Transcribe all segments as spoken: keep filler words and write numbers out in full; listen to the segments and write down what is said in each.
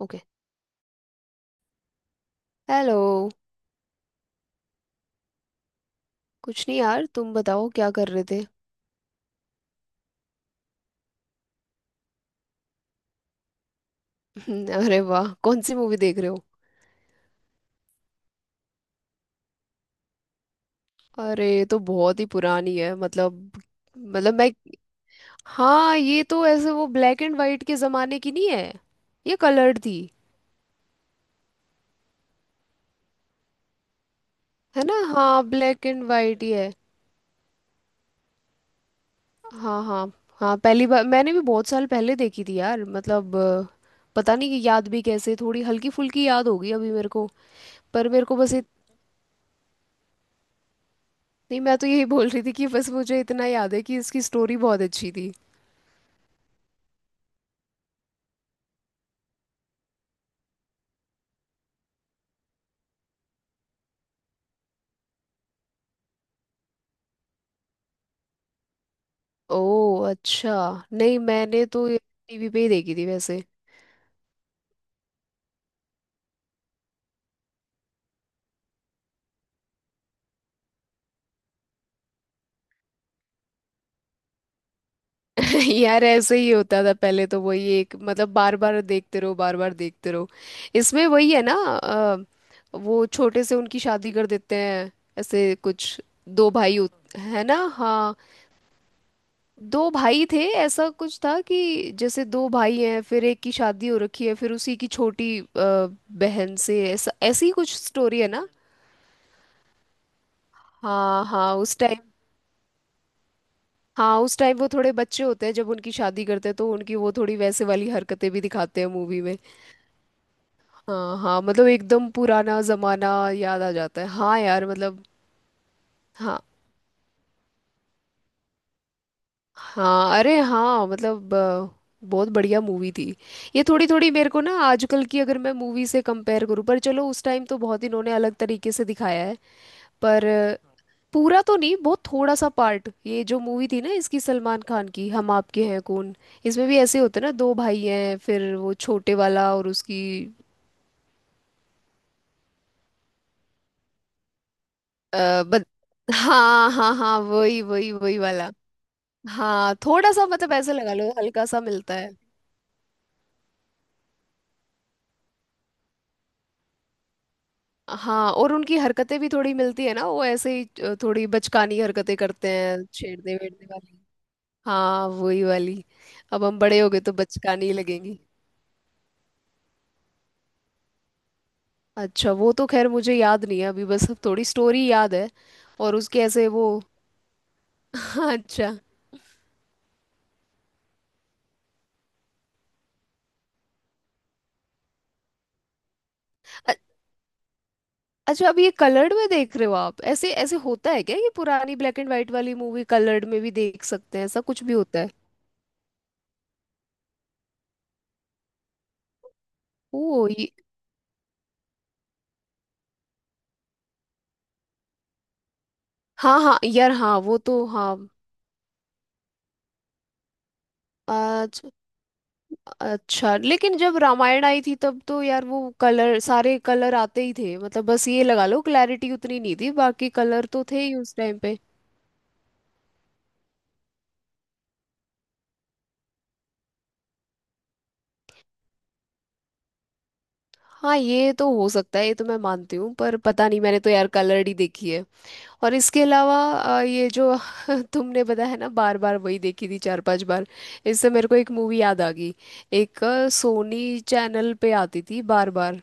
Okay. Hello. कुछ नहीं यार, तुम बताओ क्या कर रहे थे? अरे वाह, कौन सी मूवी देख रहे हो? अरे ये तो बहुत ही पुरानी है, मतलब। मतलब मैं... हाँ, ये तो ऐसे वो ब्लैक एंड वाइट के जमाने की नहीं है? ये कलर्ड थी। है ना? हाँ, ब्लैक एंड वाइट ही है। हाँ हाँ। हाँ, पहली बार मैंने भी बहुत साल पहले देखी थी यार, मतलब अ, पता नहीं कि याद भी कैसे, थोड़ी हल्की फुल्की याद होगी अभी मेरे को। पर मेरे को बस इत... नहीं, मैं तो यही बोल रही थी कि बस मुझे इतना याद है कि इसकी स्टोरी बहुत अच्छी थी। ओह अच्छा। नहीं, मैंने तो ये टीवी पे ही देखी थी वैसे। यार ऐसे ही होता था पहले, तो वही एक, मतलब बार बार देखते रहो, बार बार देखते रहो। इसमें वही है ना। अ, वो छोटे से उनकी शादी कर देते हैं, ऐसे कुछ। दो भाई होत- है ना, हाँ। दो भाई थे, ऐसा कुछ था कि जैसे दो भाई हैं, फिर एक की शादी हो रखी है, फिर उसी की छोटी अ, बहन से। ऐसा ऐसी ही कुछ स्टोरी है ना। हाँ हाँ, उस टाइम। हाँ, उस टाइम वो थोड़े बच्चे होते हैं जब उनकी शादी करते हैं, तो उनकी वो थोड़ी वैसे वाली हरकतें भी दिखाते हैं मूवी में। हाँ हाँ, मतलब एकदम पुराना जमाना याद आ जाता है। हाँ यार, मतलब। हाँ हाँ अरे हाँ, मतलब अ, बहुत बढ़िया मूवी थी। ये थोड़ी थोड़ी मेरे को ना आजकल की अगर मैं मूवी से कंपेयर करूँ, पर चलो उस टाइम तो बहुत इन्होंने अलग तरीके से दिखाया है। पर, पूरा तो नहीं, बहुत थोड़ा सा पार्ट, ये जो मूवी थी ना इसकी, सलमान खान की हम आपके हैं कौन, इसमें भी ऐसे होते ना, दो भाई हैं फिर वो छोटे वाला और उसकी... आ, बद... हाँ हाँ हाँ, वही वही वही वाला। हाँ थोड़ा सा, मतलब ऐसे लगा लो हल्का सा मिलता है। हाँ, और उनकी हरकतें भी थोड़ी मिलती है ना, वो ऐसे ही अ, थोड़ी बचकानी हरकतें करते हैं, छेड़ने वेड़ने वाली। हाँ, वही वाली। अब हम बड़े हो गए तो बचकानी ही लगेंगी। अच्छा वो तो खैर मुझे याद नहीं है अभी, बस अब थोड़ी स्टोरी याद है और उसके ऐसे वो... हाँ, अच्छा। अ- अच्छा, अब ये कलर्ड में देख रहे हो आप? ऐसे ऐसे होता है क्या, ये पुरानी ब्लैक एंड व्हाइट वाली मूवी कलर्ड में भी देख सकते हैं? ऐसा कुछ भी होता है? ओ ये... हाँ हाँ यार, हाँ, वो तो हाँ। अच्छा। अच्छा, लेकिन जब रामायण आई थी तब तो यार वो कलर, सारे कलर आते ही थे, मतलब बस ये लगा लो क्लैरिटी उतनी नहीं थी, बाकी कलर तो थे ही उस टाइम पे। हाँ, ये तो हो सकता है, ये तो मैं मानती हूँ, पर पता नहीं, मैंने तो यार कलर्ड ही देखी है। और इसके अलावा अ, ये जो... तुमने बताया ना बार बार वही देखी थी, चार पांच बार, इससे मेरे को एक मूवी याद आ गई। एक अ, सोनी चैनल पे आती थी बार बार।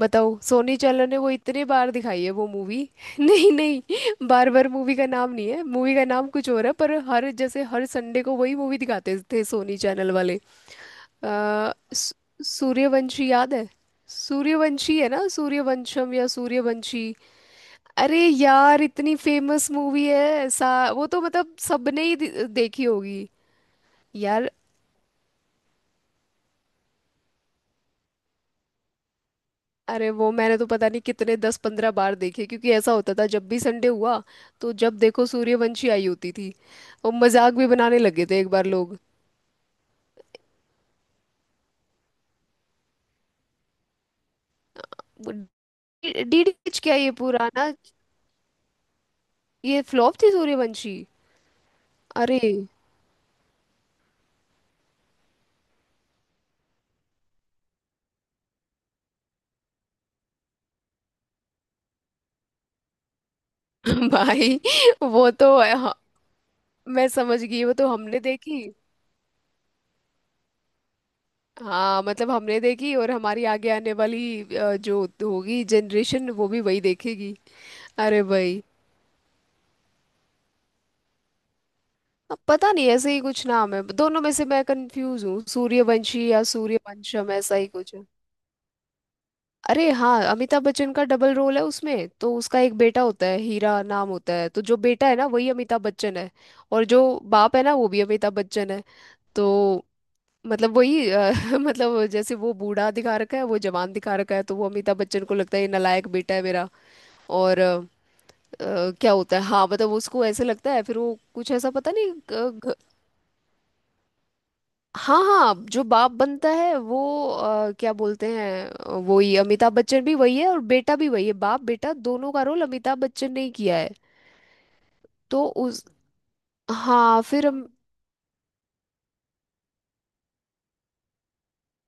बताओ, सोनी चैनल ने वो इतने बार दिखाई है वो मूवी। नहीं नहीं, बार बार मूवी का नाम नहीं है, मूवी का नाम कुछ और है, पर हर जैसे हर संडे को वही मूवी दिखाते थे सोनी चैनल वाले। अ, सू- सूर्यवंशी याद है? सूर्यवंशी है ना, सूर्यवंशम या सूर्यवंशी। अरे यार, इतनी फेमस मूवी है सा... वो तो मतलब सबने ही दे- देखी होगी। यार। अरे वो मैंने तो पता नहीं कितने, दस पंद्रह बार देखे, क्योंकि ऐसा होता था जब भी संडे हुआ, तो जब देखो सूर्यवंशी आई होती थी। और मजाक भी बनाने लगे थे एक बार लोग। डी डी एच क्या, ये पुराना? ये फ्लॉप थी सूर्यवंशी? अरे। भाई। वो तो हाँ, मैं समझ गई, वो तो हमने देखी। हाँ, मतलब हमने देखी और हमारी आगे आने वाली अ, जो होगी जनरेशन, वो भी वही देखेगी। अरे भाई, अब पता नहीं, ऐसे ही कुछ नाम है, दोनों में से मैं कंफ्यूज हूँ, सूर्यवंशी या सूर्यवंशम, ऐसा ही कुछ है। अरे हाँ, अमिताभ बच्चन का डबल रोल है उसमें, तो उसका एक बेटा होता है, हीरा नाम होता है, तो जो बेटा है ना वही अमिताभ बच्चन है। और जो बाप है ना वो भी अमिताभ बच्चन है। तो मतलब वही अ, मतलब जैसे वो बूढ़ा दिखा रखा है, वो जवान दिखा रखा है, तो वो अमिताभ बच्चन को लगता है ये नालायक बेटा है मेरा। और अ, अ, क्या होता है, हाँ मतलब उसको ऐसे लगता है, फिर वो कुछ ऐसा पता नहीं अ, घ- हाँ हाँ, जो बाप बनता है वो अ, क्या बोलते हैं, अ, वही अमिताभ बच्चन भी वही है और बेटा भी वही है, बाप बेटा दोनों का रोल अमिताभ बच्चन ने ही किया है। तो उस... हाँ फिर हम...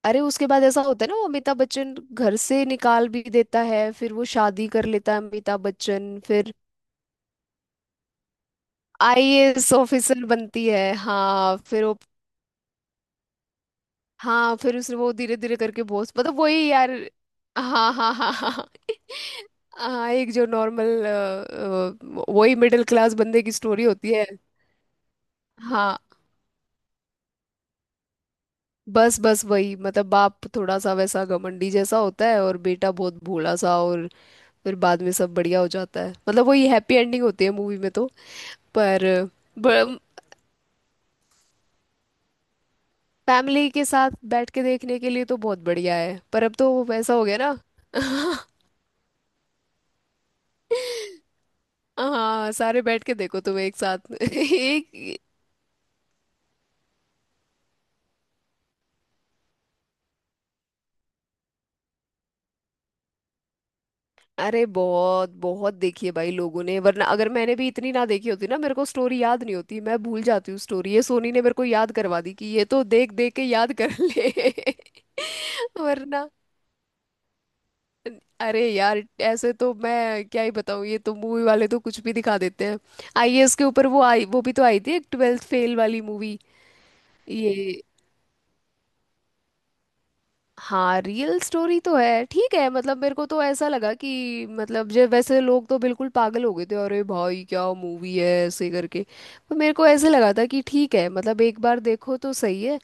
अरे उसके बाद ऐसा होता है ना वो अमिताभ बच्चन घर से निकाल भी देता है, फिर वो शादी कर लेता है अमिताभ बच्चन, फिर आई ए एस ऑफिसर बनती है। हाँ फिर वो, हाँ फिर उसने वो धीरे धीरे करके बहुत, मतलब वही यार। हाँ हाँ हाँ हाँ हाँ। हाँ, एक जो नॉर्मल वही मिडिल क्लास बंदे की स्टोरी होती है। हाँ, बस बस वही, मतलब बाप थोड़ा सा वैसा घमंडी जैसा होता है और बेटा बहुत भोला सा, और फिर बाद में सब बढ़िया हो जाता है, मतलब वही हैप्पी एंडिंग होती है मूवी में तो। पर फैमिली के साथ बैठ के देखने के लिए तो बहुत बढ़िया है, पर अब तो वैसा हो गया ना। हाँ सारे बैठ के देखो तुम एक साथ। एक... अरे बहुत बहुत देखी है भाई लोगों ने, वरना अगर मैंने भी इतनी ना देखी होती ना, मेरे को स्टोरी याद नहीं होती, मैं भूल जाती हूँ स्टोरी, ये सोनी ने मेरे को याद करवा दी कि ये तो देख देख के याद कर ले। वरना... अरे यार ऐसे तो मैं क्या ही बताऊँ, ये तो मूवी वाले तो कुछ भी दिखा देते हैं। आई ए एस के ऊपर वो आई, वो भी तो आई थी एक, ट्वेल्थ फेल वाली मूवी। ये... हाँ रियल स्टोरी तो है, ठीक है, मतलब मेरे को तो ऐसा लगा कि, मतलब जो वैसे लोग तो बिल्कुल पागल हो गए थे, अरे भाई क्या मूवी है ऐसे करके। पर मेरे को ऐसे लगा था कि ठीक है, मतलब एक बार देखो तो सही है,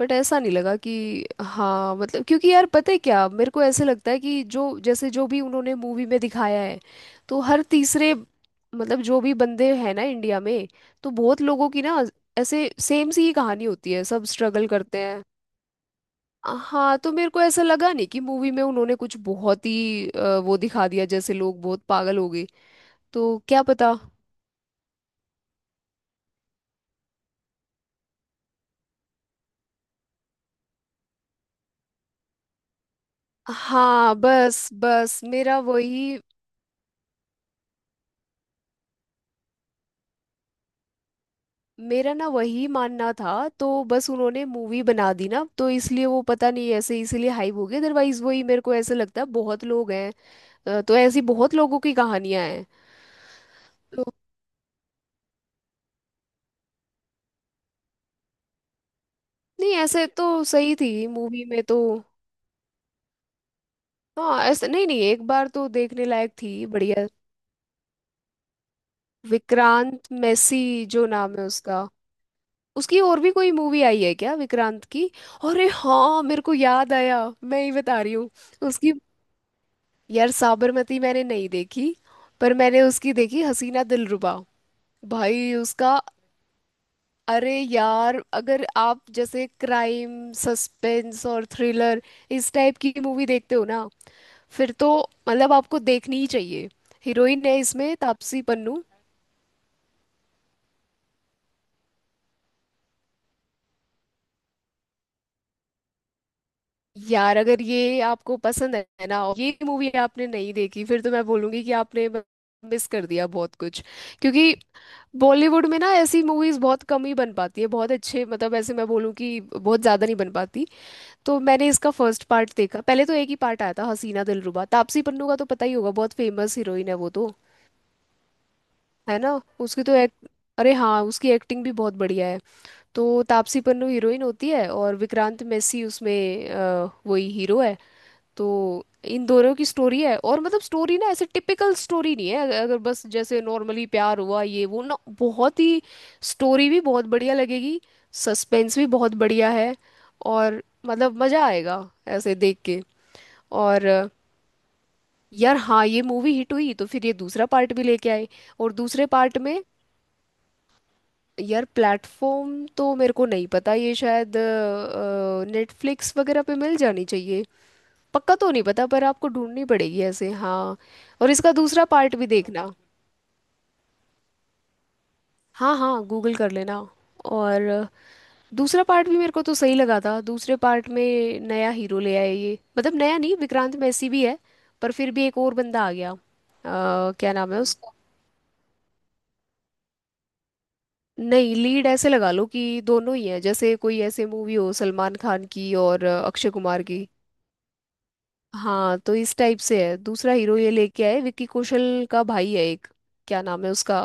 बट ऐसा नहीं लगा कि हाँ, मतलब क्योंकि यार पता है क्या, मेरे को ऐसे लगता है कि जो जैसे जो भी उन्होंने मूवी में दिखाया है, तो हर तीसरे, मतलब जो भी बंदे हैं ना इंडिया में, तो बहुत लोगों की ना ऐसे सेम सी ही कहानी होती है, सब स्ट्रगल करते हैं। हाँ, तो मेरे को ऐसा लगा नहीं कि मूवी में उन्होंने कुछ बहुत ही अ, वो दिखा दिया जैसे लोग बहुत पागल हो गए। तो क्या पता। हाँ बस बस मेरा वही, मेरा ना वही मानना था। तो बस उन्होंने मूवी बना दी ना, तो इसलिए वो पता नहीं ऐसे, इसीलिए हाइप हो गई, अदरवाइज वही मेरे को ऐसे लगता है बहुत लोग हैं, अ, तो ऐसी बहुत लोगों की कहानियां हैं। नहीं ऐसे तो सही थी मूवी में तो। हाँ ऐसे, नहीं नहीं एक बार तो देखने लायक थी, बढ़िया। विक्रांत मैसी जो नाम है उसका। उसकी और भी कोई मूवी आई है क्या, विक्रांत की? अरे हाँ मेरे को याद आया, मैं ही बता रही हूँ उसकी। यार साबरमती मैंने नहीं देखी, पर मैंने उसकी देखी हसीना दिलरुबा। भाई उसका... अरे यार अगर आप जैसे क्राइम सस्पेंस और थ्रिलर इस टाइप की मूवी देखते हो ना, फिर तो मतलब आपको देखनी ही चाहिए। हीरोइन है इसमें तापसी पन्नू। यार अगर ये आपको पसंद है ना और ये मूवी आपने नहीं देखी, फिर तो मैं बोलूंगी कि आपने मिस कर दिया बहुत कुछ। क्योंकि बॉलीवुड में ना ऐसी मूवीज बहुत कम ही बन पाती है, बहुत अच्छे, मतलब ऐसे मैं बोलूँ कि बहुत ज़्यादा नहीं बन पाती। तो मैंने इसका फर्स्ट पार्ट देखा, पहले तो एक ही पार्ट आया था हसीना दिलरुबा, तापसी पन्नू का तो पता ही होगा, बहुत फेमस हीरोइन है वो तो। है ना, उसकी तो एक... अरे हाँ, उसकी एक्टिंग भी बहुत बढ़िया है। तो तापसी पन्नू हीरोइन होती है और विक्रांत मैसी उसमें अ, वही हीरो है। तो इन दोनों की स्टोरी है, और मतलब स्टोरी ना ऐसे टिपिकल स्टोरी नहीं है, अगर अगर बस जैसे नॉर्मली प्यार हुआ ये वो ना, बहुत ही स्टोरी भी बहुत बढ़िया लगेगी, सस्पेंस भी बहुत बढ़िया है, और मतलब मज़ा आएगा ऐसे देख के। और अ, यार हाँ, ये मूवी हिट हुई तो फिर ये दूसरा पार्ट भी लेके आए। और दूसरे पार्ट में... यार प्लेटफॉर्म तो मेरे को नहीं पता, ये शायद नेटफ्लिक्स वगैरह पे मिल जानी चाहिए, पक्का तो नहीं पता, पर आपको ढूंढनी पड़ेगी ऐसे। हाँ और इसका दूसरा पार्ट भी देखना। हाँ हाँ गूगल कर लेना। और अ, दूसरा पार्ट भी मेरे को तो सही लगा था, दूसरे पार्ट में नया हीरो ले आए ये, मतलब नया नहीं, विक्रांत मैसी भी है, पर फिर भी एक और बंदा आ गया। अ, क्या नाम है हम्म, उसका? नहीं, लीड ऐसे लगा लो कि दोनों ही हैं, जैसे कोई ऐसे मूवी हो सलमान खान की और अ, अक्षय कुमार की। हाँ, तो इस टाइप से है, दूसरा हीरो ये लेके आए विक्की कौशल का भाई है एक। क्या नाम है उसका?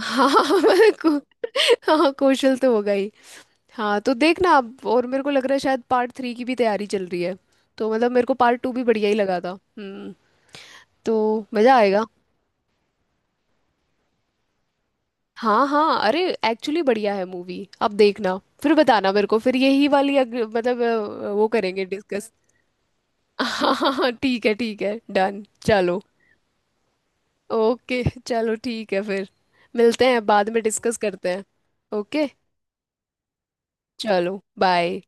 हाँ मैं को, हाँ कौशल तो होगा ही। हाँ तो देखना आप, और मेरे को लग रहा है शायद पार्ट थ्री की भी तैयारी चल रही है, तो मतलब मेरे को पार्ट टू भी बढ़िया ही लगा था। हम्म। तो मज़ा आएगा। हाँ हाँ अरे एक्चुअली बढ़िया है मूवी, अब देखना फिर बताना मेरे को, फिर यही वाली अग, मतलब अ, वो करेंगे डिस्कस। हाँ हाँ हाँ, ठीक है ठीक है, डन चलो। ओके चलो ठीक है फिर, मिलते हैं बाद में डिस्कस करते हैं। ओके चलो बाय।